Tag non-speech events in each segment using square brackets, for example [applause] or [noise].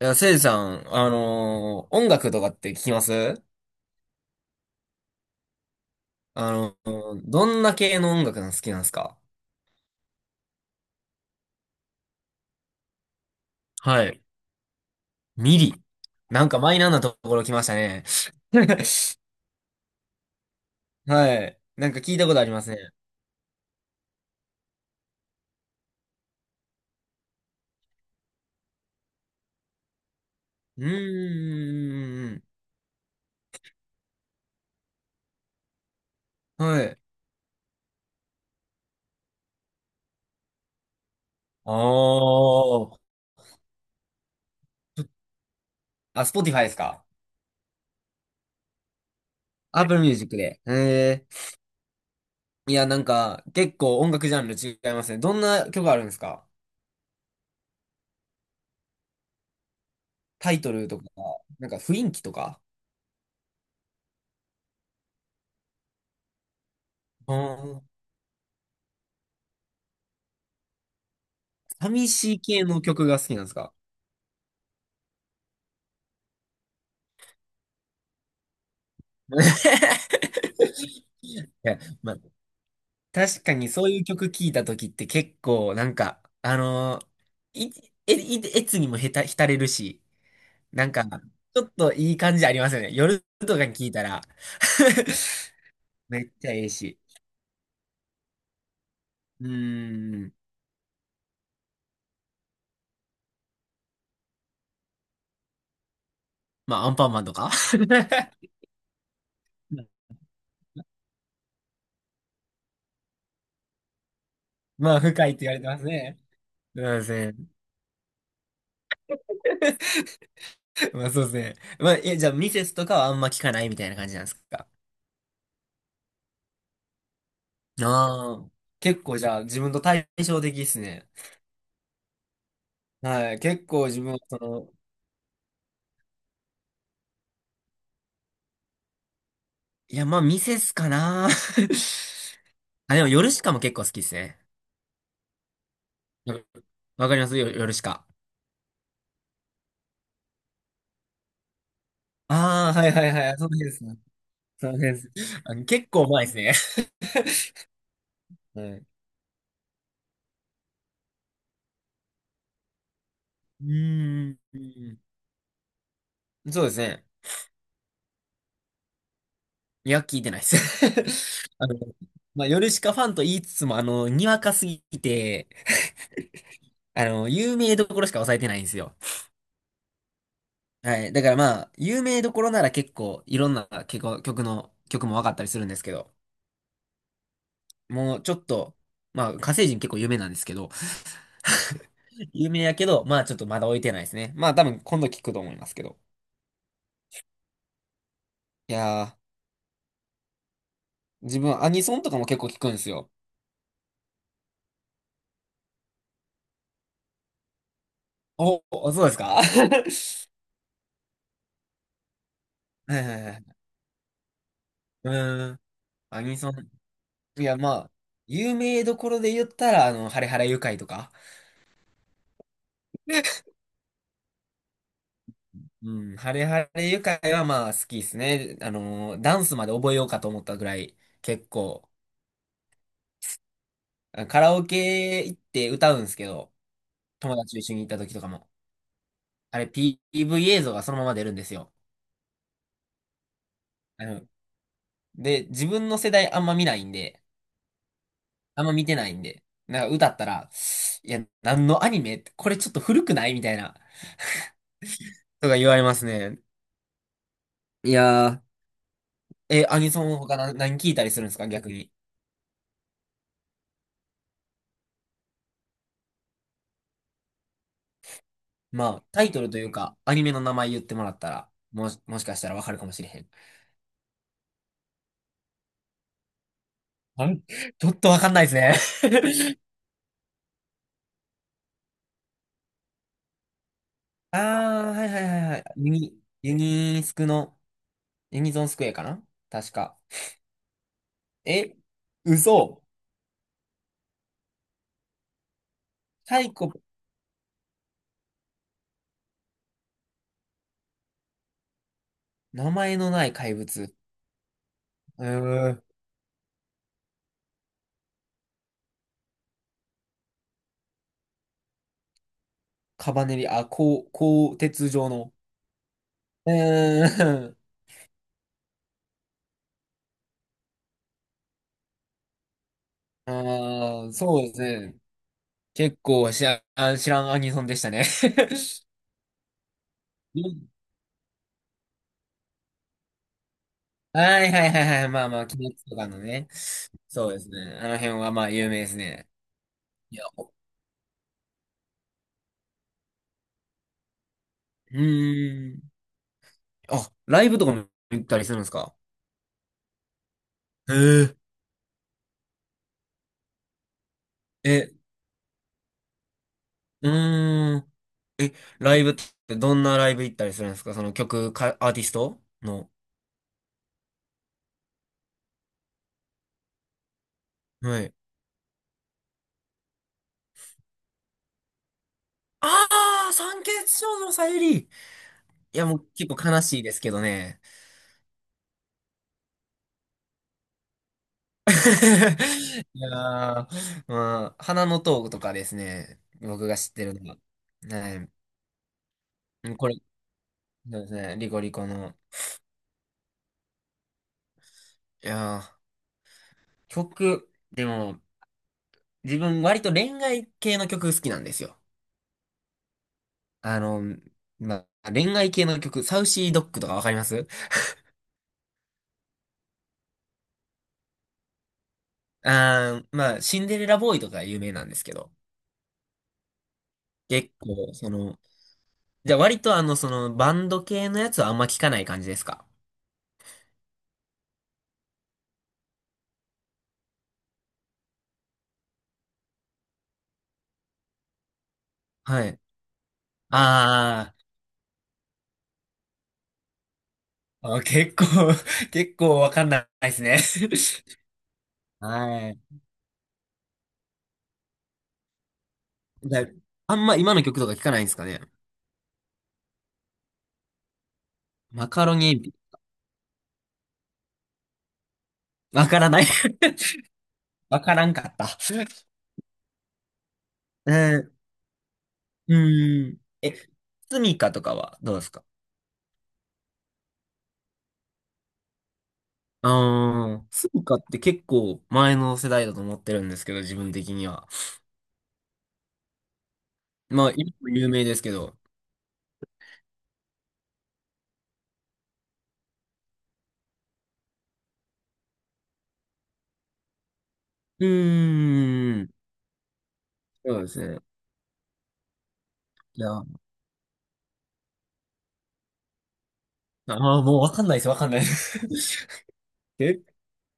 いや、せいさん、音楽とかって聞きます？どんな系の音楽が好きなんですか？はい。ミリ。なんかマイナーなところ来ましたね。[laughs] はい。なんか聞いたことありますね。うーん。はい。あー。あ、s p ティファイですか？アップルミュージックで。えー。いや、なんか、結構音楽ジャンル違いますね。どんな曲あるんですか？タイトルとか、なんか雰囲気とか。あー、寂しい系の曲が好きなんですか？ [laughs] いや、まあ、確かにそういう曲聴いた時って結構なんか、あのーい、え、い、えつにもへた、浸れるし、なんか、ちょっといい感じありますよね。夜とかに聴いたら。 [laughs] めっちゃええし。うーん。まあ、アンパンマンとか。 [laughs] まあ、深いって言われてますね。すいません。[laughs] まあ、そうですね。まあ、じゃあ、ミセスとかはあんま聞かないみたいな感じなんですか？ああ、結構じゃあ自分と対照的ですね。はい、結構自分はその、いや、まあ、ミセスかな。[laughs] あ、でも、ヨルシカも結構好きですね。わわかりますよ、ヨルシカ。ああ、はいはいはい、その辺ですね。その辺です。あの結構前ですね。[laughs] はい。うーん。うん、そうですね。いや、聞いてないです。[laughs] あの、まあ、ヨルシカファンと言いつつも、あの、にわかすぎて、あの、有名どころしか抑えてないんですよ。はい。だからまあ、有名どころなら結構いろんな曲の、曲も分かったりするんですけど、もうちょっと、まあ、火星人結構有名なんですけど、[laughs] 有名やけど、まあちょっとまだ置いてないですね。まあ多分今度聞くと思いますけど。いやー、自分アニソンとかも結構聞くんですよ。そうですか？ [laughs] はいはいはい。うーん、アニソン。いやまあ、有名どころで言ったら、あの、ハレハレ愉快とか。うん、ハレハレ愉快はまあ好きですね。あのー、ダンスまで覚えようかと思ったぐらい、結構、カラオケ行って歌うんですけど、友達と一緒に行った時とかも。あれ、PV 映像がそのまま出るんですよ。あの、で、自分の世代あんま見ないんで、あんま見てないんで、なんか歌ったら、いや、何のアニメこれちょっと古くないみたいな、とか言われますね。いやー、アニソン他な何聞いたりするんですか逆に。まあ、タイトルというか、アニメの名前言ってもらったら、もしかしたらわかるかもしれへん。あれちょっとわかんないですね。[laughs] ああ、はいはいはいはい。ユニスクの、ユニゾンスクエアかな確か。え、嘘。サイコ、名前のない怪物。うーん。カバネリ、あ、こ鋼鉄状の。うーん。[laughs] ああ、そうですね。結構知らん、知らんアニソンでしたね。[laughs] はいはいはいはい。まあまあ、鬼滅とかのね。そうですね。あの辺はまあ有名ですね。いや、うーん。あ、ライブとかも行ったりするんですか？へえ。え、うーん。ライブってどんなライブ行ったりするんですか、その曲か、アーティストの。はい。ああ、三欠少女さゆり。いや、もう結構悲しいですけどね。[laughs] いやー、まあ、花の塔とかですね。僕が知ってるのは。はい。これ、そうですね。リコリコの。いやー、曲、でも、自分割と恋愛系の曲好きなんですよ。あの、まあ、恋愛系の曲、サウシードッグとかわかります？あー、まあ、シンデレラボーイとか有名なんですけど、結構、その、じゃあ割とバンド系のやつはあんま聞かない感じですか？はい。あー、あ、結構、 [laughs] 結構わかんないですね。 [laughs] はい。じゃあ、あんま今の曲とか聞かないんですかね？マカロニエビわからない。 [laughs] わからんかった。えー、うーん。え、スミカとかはどうですか？ああ、スミカって結構前の世代だと思ってるんですけど、自分的には。まあ、今も有名ですけど。うーん、そうですね。いや、ああ、もうわかんないです、わかんないです。[laughs] け、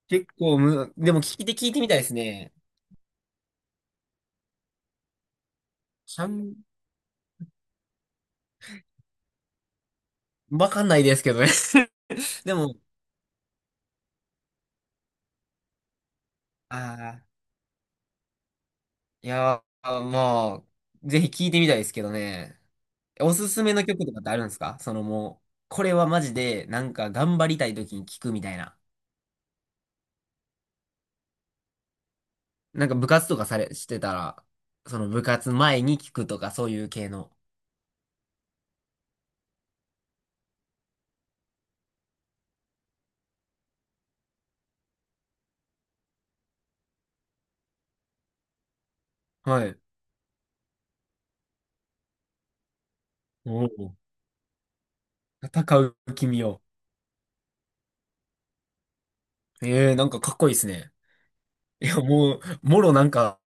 結構む、でも聞いてみたいですね。し、わかんないですけどね。[laughs] でも、ああ、いや、まあ、ぜひ聞いてみたいですけどね。おすすめの曲とかってあるんですか、そのもう、これはマジで、なんか頑張りたい時に聞くみたいな。なんか部活とかされ、してたら、その部活前に聞くとか、そういう系の。はい。おお。戦う君を。ええー、なんかかっこいいですね。いや、もう、もろなんか、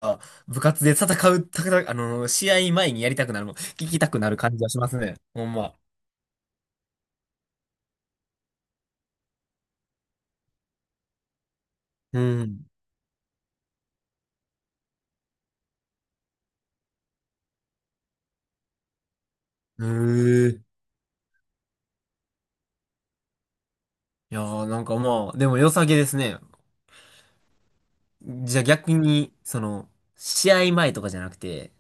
部活で戦う、戦う、あの、試合前にやりたくなるの、聞きたくなる感じがしますね。ほんま。うん。ええ、いやー、なんかまあ、でも良さげですね。じゃあ逆に、その、試合前とかじゃなくて、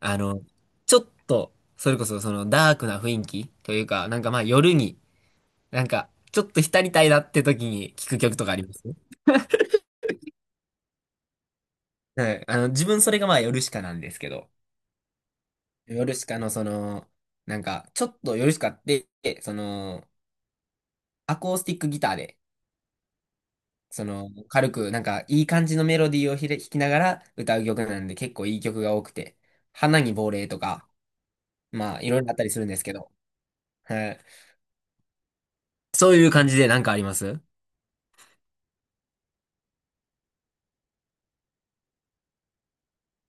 あの、ちょっと、それこそそのダークな雰囲気というか、なんかまあ夜に、なんか、ちょっと浸りたいなって時に聴く曲とかあります？はい。あの、自分それがまあ夜しかなんですけど、夜しかのその、なんか、ちょっと夜しかって、その、アコースティックギターで、その、軽く、なんか、いい感じのメロディーをひれ弾きながら歌う曲なんで、結構いい曲が多くて、花に亡霊とか、まあ、いろいろあったりするんですけど、はい。そういう感じでなんかあります？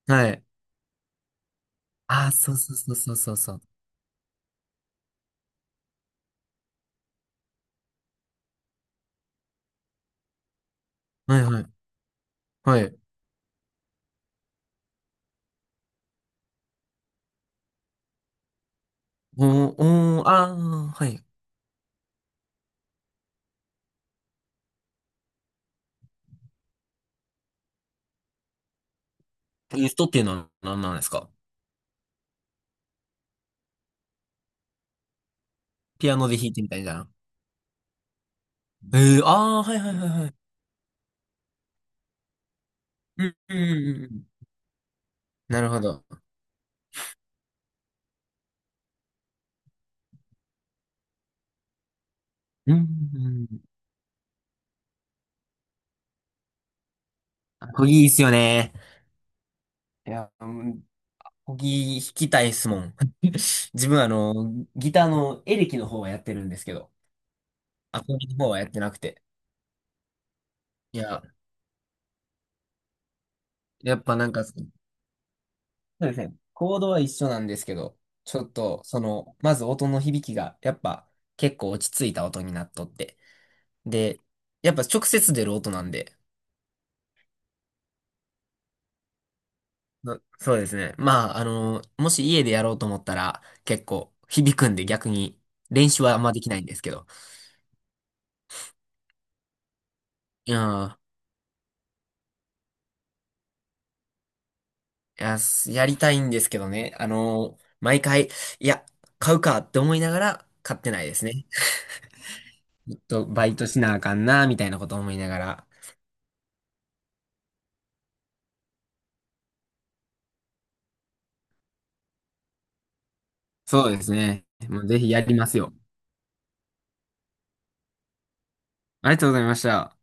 はい。ああ、そうそうそうそうそうそう。はいはい。はい。おー、おー、ああ、はい。ユストっていうのは何なんですか？ピアノで弾いてみたいな。ええー、ああ、はいはいはいはい。うん、うん、うんうん。なるほど。うん、うん。あ、コギいいっすよね。いや、うん、コギ弾きたいっすもん。[laughs] 自分あの、ギターのエレキの方はやってるんですけど、アコギの方はやってなくて。いや、やっぱなんか、そうですね。コードは一緒なんですけど、ちょっと、その、まず音の響きが、やっぱ、結構落ち着いた音になっとって。で、やっぱ直接出る音なんで、な、そうですね。まあ、あの、もし家でやろうと思ったら、結構響くんで逆に、練習はあんまできないんですけど。いやー、いや、すやりたいんですけどね。あの、毎回、いや、買うかって思いながら、買ってないですね。ちょっとバイトしなあかんな、みたいなこと思いながら。そうですね。もうぜひやりますよ。ありがとうございました。